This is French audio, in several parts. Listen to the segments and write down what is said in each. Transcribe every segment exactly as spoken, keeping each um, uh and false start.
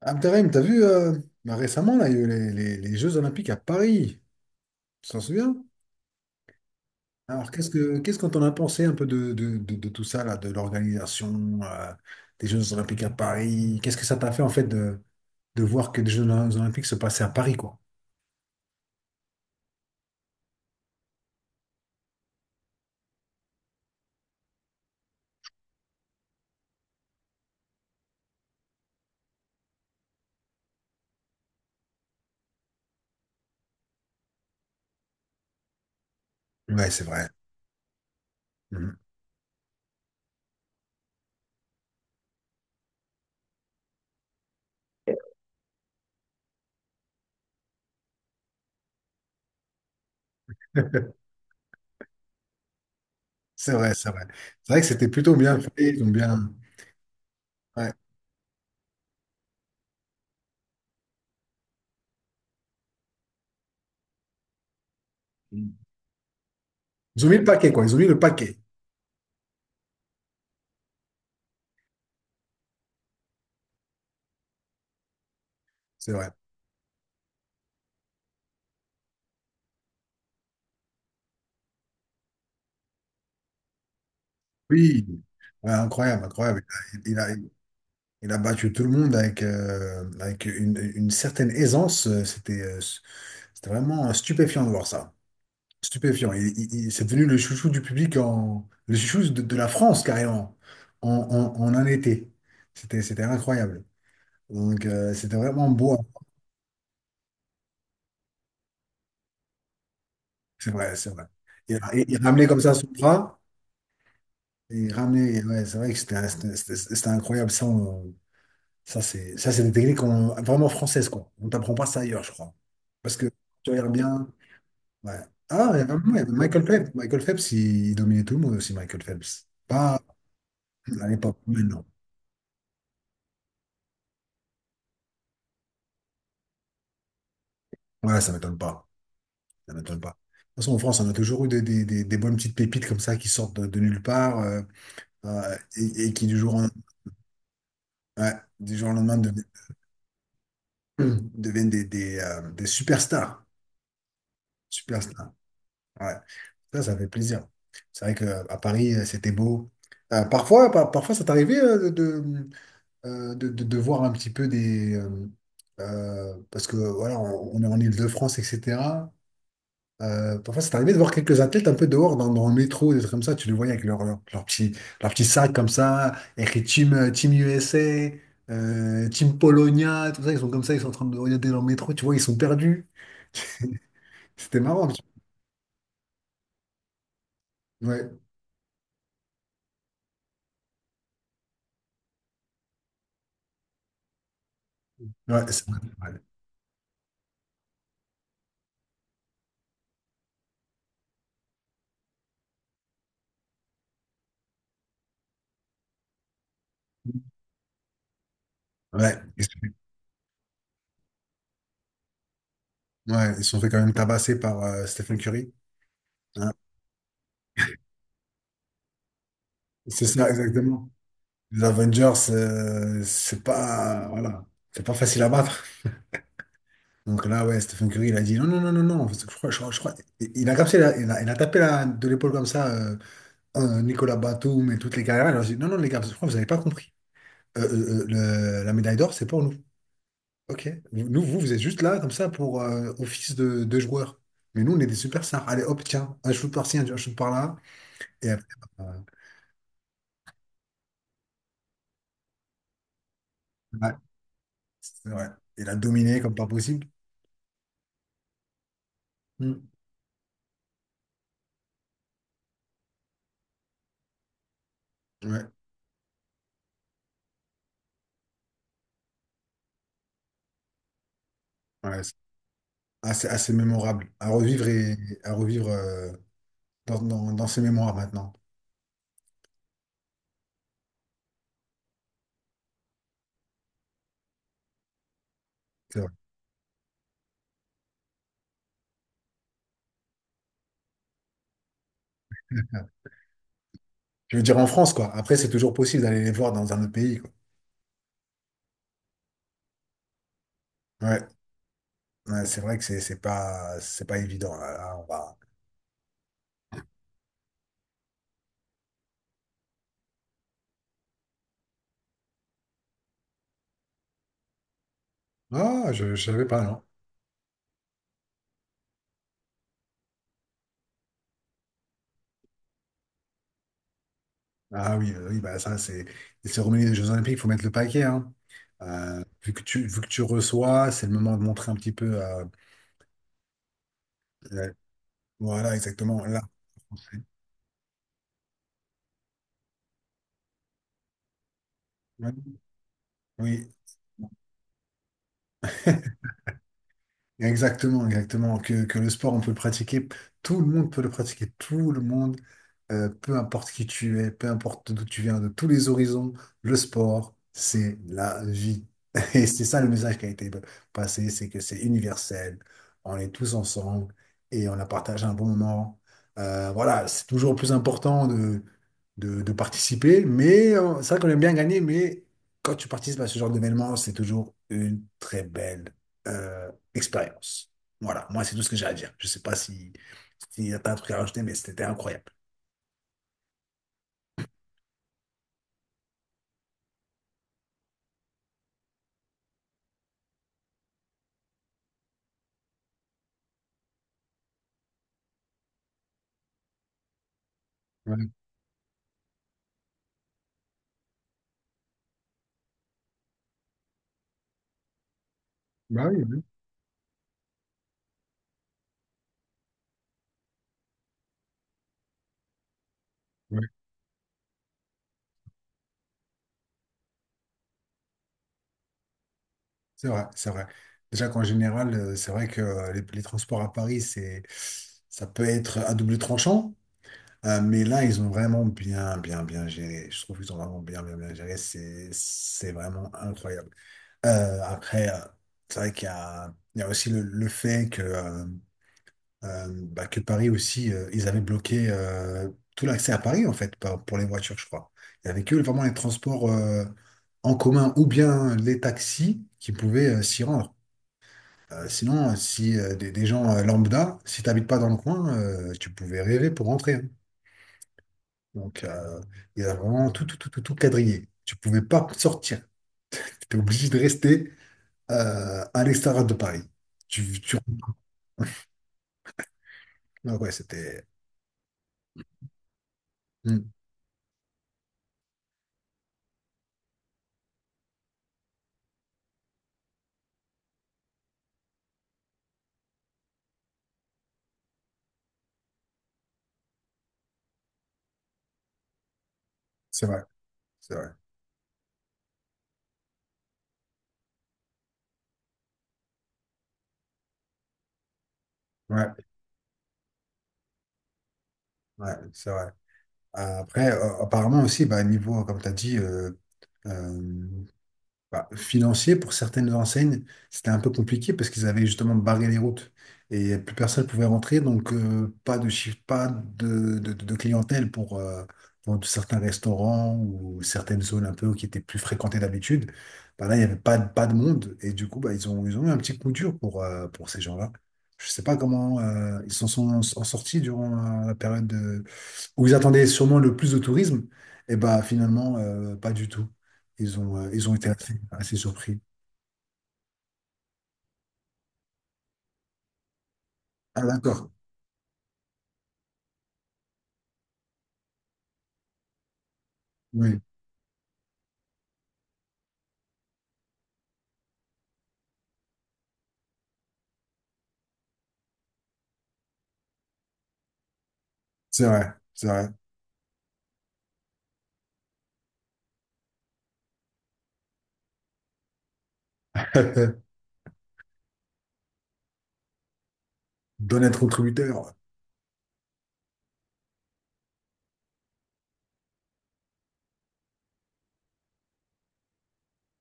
Abderrahim, t'as vu euh, bah, récemment là, il y a eu les, les- les Jeux Olympiques à Paris, tu t'en souviens? Alors qu'est-ce que qu'est-ce qu'on t'en a pensé un peu de, de- de- de tout ça là, de l'organisation euh, des Jeux Olympiques à Paris? Qu'est-ce que ça t'a fait en fait de, de voir que des Jeux Olympiques se passaient à Paris quoi? Ouais, c'est vrai. Mhm. C'est vrai, c'est vrai. C'est vrai que c'était plutôt bien fait. Ils ont bien. Ouais. Ils ont mis le paquet, quoi. Ils ont mis le paquet. C'est vrai. Oui. Ouais, incroyable, incroyable. Il a, Il a battu tout le monde avec, euh, avec une, une certaine aisance. euh, C'était euh, c'était vraiment euh, stupéfiant de voir ça. Stupéfiant. Il, il- il- c'est devenu le chouchou du public, en, le chouchou de, de la France carrément, en, en, en un été. C'était, c'était incroyable. Donc euh, c'était vraiment beau à voir. C'est vrai, c'est vrai. Il, il- il ramenait comme ça son bras. Il ramenait, ouais, c'est vrai que c'était c'était- c'était- c'était incroyable. Ça, on- ça c'est ça, c'est des techniques qu'on- vraiment françaises, quoi. On t'apprend pas ça ailleurs, je crois. Parce que tu regardes bien. Ouais. Ah, il y avait, il y avait Michael Phelps. Michael Phelps, il, il dominait tout le monde aussi, Michael Phelps. Pas à l'époque, mais non. Ouais, ça m'étonne pas. Ça m'étonne pas. De toute façon, en France, on a toujours eu des, des, des, des bonnes petites pépites comme ça qui sortent de, de nulle part euh, euh, et, et qui, du jour, en- ouais, du jour au lendemain, deviennent, deviennent des, des, euh, des superstars. Superstars. Ouais. Ça, ça fait plaisir. C'est vrai qu'à Paris, euh, c'était beau. Euh, parfois, par- parfois, ça t'arrivait euh, de, euh, de, de, de voir un petit peu des. euh, euh, parce que voilà, on, on est en Île-de-France, et cætera. Euh, parfois, c'est arrivé de voir quelques athlètes un peu dehors dans, dans le métro, des trucs comme ça. Tu les voyais avec leur, leur, leur petit, leur petit sac comme ça, écrit Team, euh, Team U S A, euh, Team Polonia, tout ça. Ils sont comme ça, ils sont en train de regarder dans le métro, tu vois, ils sont perdus. C'était marrant. tu- Ouais, ouais, c'est- ouais. Ouais, ils se ouais, ils se sont fait quand même tabasser par euh, Stephen Curry. Hein. C'est ça, exactement. Les Avengers, euh, c'est pas, voilà, c'est pas facile à battre. Donc là, ouais, Stephen Curry, il a dit non, non, non, non, non. Parce que Je crois, je crois, je crois- il a capté, la- il a, il a tapé la, de l'épaule comme ça, euh, euh, Nicolas Batum et toutes les carrières. Il leur a dit non, non, les gars, je crois que vous avez pas compris. Euh, euh, euh, le- la médaille d'or, c'est pour nous. Ok. Nous, vous, vous êtes juste là, comme ça, pour euh, office de, de joueur. Mais nous, on est des superstars. Allez, hop, tiens, un shoot par-ci, un shoot par-là. Et après, bah, euh, ouais, c'est vrai. Il a dominé comme pas possible. Hmm. Ouais. Ouais, assez, assez mémorable à revivre et à revivre euh, dans, dans, dans ses mémoires maintenant. C'est vrai. Je veux dire en France, quoi. Après, c'est toujours possible d'aller les voir dans un autre pays, quoi. Ouais, Ouais, c'est vrai que c'est c'est pas, c'est pas évident. Là, Là, on va... Ah, je, je savais pas, non. Ah oui, euh, oui, bah ça, c'est les cérémonies des Jeux Olympiques, il faut mettre le paquet, hein. Euh, vu que tu, vu que tu reçois, c'est le moment de montrer un petit peu. euh, euh, voilà, exactement. Là, on sait. Ouais. Oui, exactement, exactement. Que, que le sport, on peut le pratiquer, tout le monde peut le pratiquer, tout le monde, euh, peu importe qui tu es, peu importe d'où tu viens, de tous les horizons, le sport, c'est la vie. Et c'est ça le message qui a été passé, c'est que c'est universel, on est tous ensemble et on a partagé un bon moment. Euh, voilà, c'est toujours plus important de, de, de participer, mais euh, c'est vrai qu'on aime bien gagner, mais quand tu participes à ce genre d'événement, c'est toujours une très belle euh, expérience. Voilà, moi, c'est tout ce que j'ai à dire. Je sais pas si, si t'as un truc à rajouter, mais c'était incroyable. Ouais. Bah oui, oui, oui. C'est vrai, c'est vrai. Déjà qu'en général, euh, c'est vrai que euh, les, les transports à Paris, c'est, ça peut être à double tranchant, euh, mais là, ils ont vraiment bien, bien, bien géré. Je trouve qu'ils ont vraiment bien, bien, bien géré. C'est, c'est vraiment incroyable. Euh, après, euh, c'est vrai qu'il y a, il y a aussi le, le fait que, euh, euh, bah, que Paris aussi, euh, ils avaient bloqué euh, tout l'accès à Paris, en fait, par- pour les voitures, je crois. Il n'y avait que vraiment les transports euh, en commun ou bien les taxis qui pouvaient euh, s'y rendre. Euh, sinon, euh, si euh, des, des gens euh, lambda, si tu pas dans le coin, euh, tu pouvais rêver pour rentrer. Hein. Donc, euh, il y a vraiment tout, tout, tout, tout, tout quadrillé. Tu pouvais pas sortir. Tu étais obligé de rester euh, à l'extérieur de Paris. Tu, tu... Ah ouais, c'était... Hmm, c'est vrai, c'est vrai. Ouais, ouais, c'est vrai. Après, euh, apparemment aussi, bah, niveau, comme tu as dit, euh, euh, bah, financier, pour certaines enseignes, c'était un peu compliqué parce qu'ils avaient justement barré les routes et plus personne pouvait rentrer, donc euh, pas de chiffre, pas de, de- de clientèle pour, euh, pour certains restaurants ou certaines zones un peu qui étaient plus fréquentées d'habitude. Bah là, il n'y avait pas, de- pas de monde et du coup, bah, ils ont, ils ont eu un petit coup dur pour, euh, pour ces gens-là. Je sais pas comment euh, ils s'en sont en sortis durant euh, la période où ils attendaient sûrement le plus de tourisme, et bah finalement, euh, pas du tout. Ils ont, euh, ils ont été assez, assez surpris. Ah d'accord, oui, c'est vrai, c'est vrai. D'en être contributeur,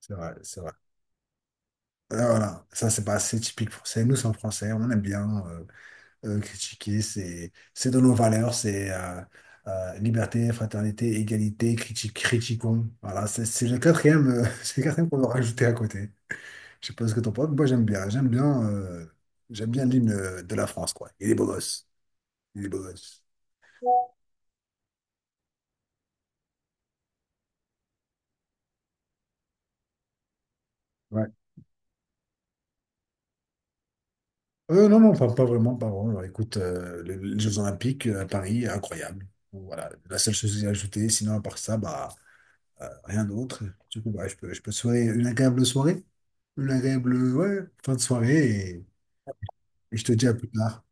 c'est vrai, c'est vrai. Ah, voilà, ça c'est pas assez typique français. Nous, c'est en français, on aime bien euh, euh, critiquer, c'est c'est dans nos valeurs, c'est euh, euh, liberté, fraternité, égalité, criti- critiquons. Voilà, c'est c'est le quatrième, euh, c'est le quatrième qu'on va rajouter à côté. Je sais pas ce que t'en penses, mais moi j'aime bien. J'aime bien, euh, j'aime bien l'hymne euh, de la France, quoi. Il est beau gosse. Il est beau gosse. Ouais. Euh, non, non, pas, pas vraiment, pas vraiment. Alors, écoute, euh, les, les Jeux Olympiques euh, à Paris, incroyable. Donc, voilà, la seule chose à ajouter, sinon à part ça, bah, euh, rien d'autre. Du coup, bah, je peux, je peux te souhaiter une agréable soirée, une agréable, ouais, fin de soirée, et et je te dis à plus tard.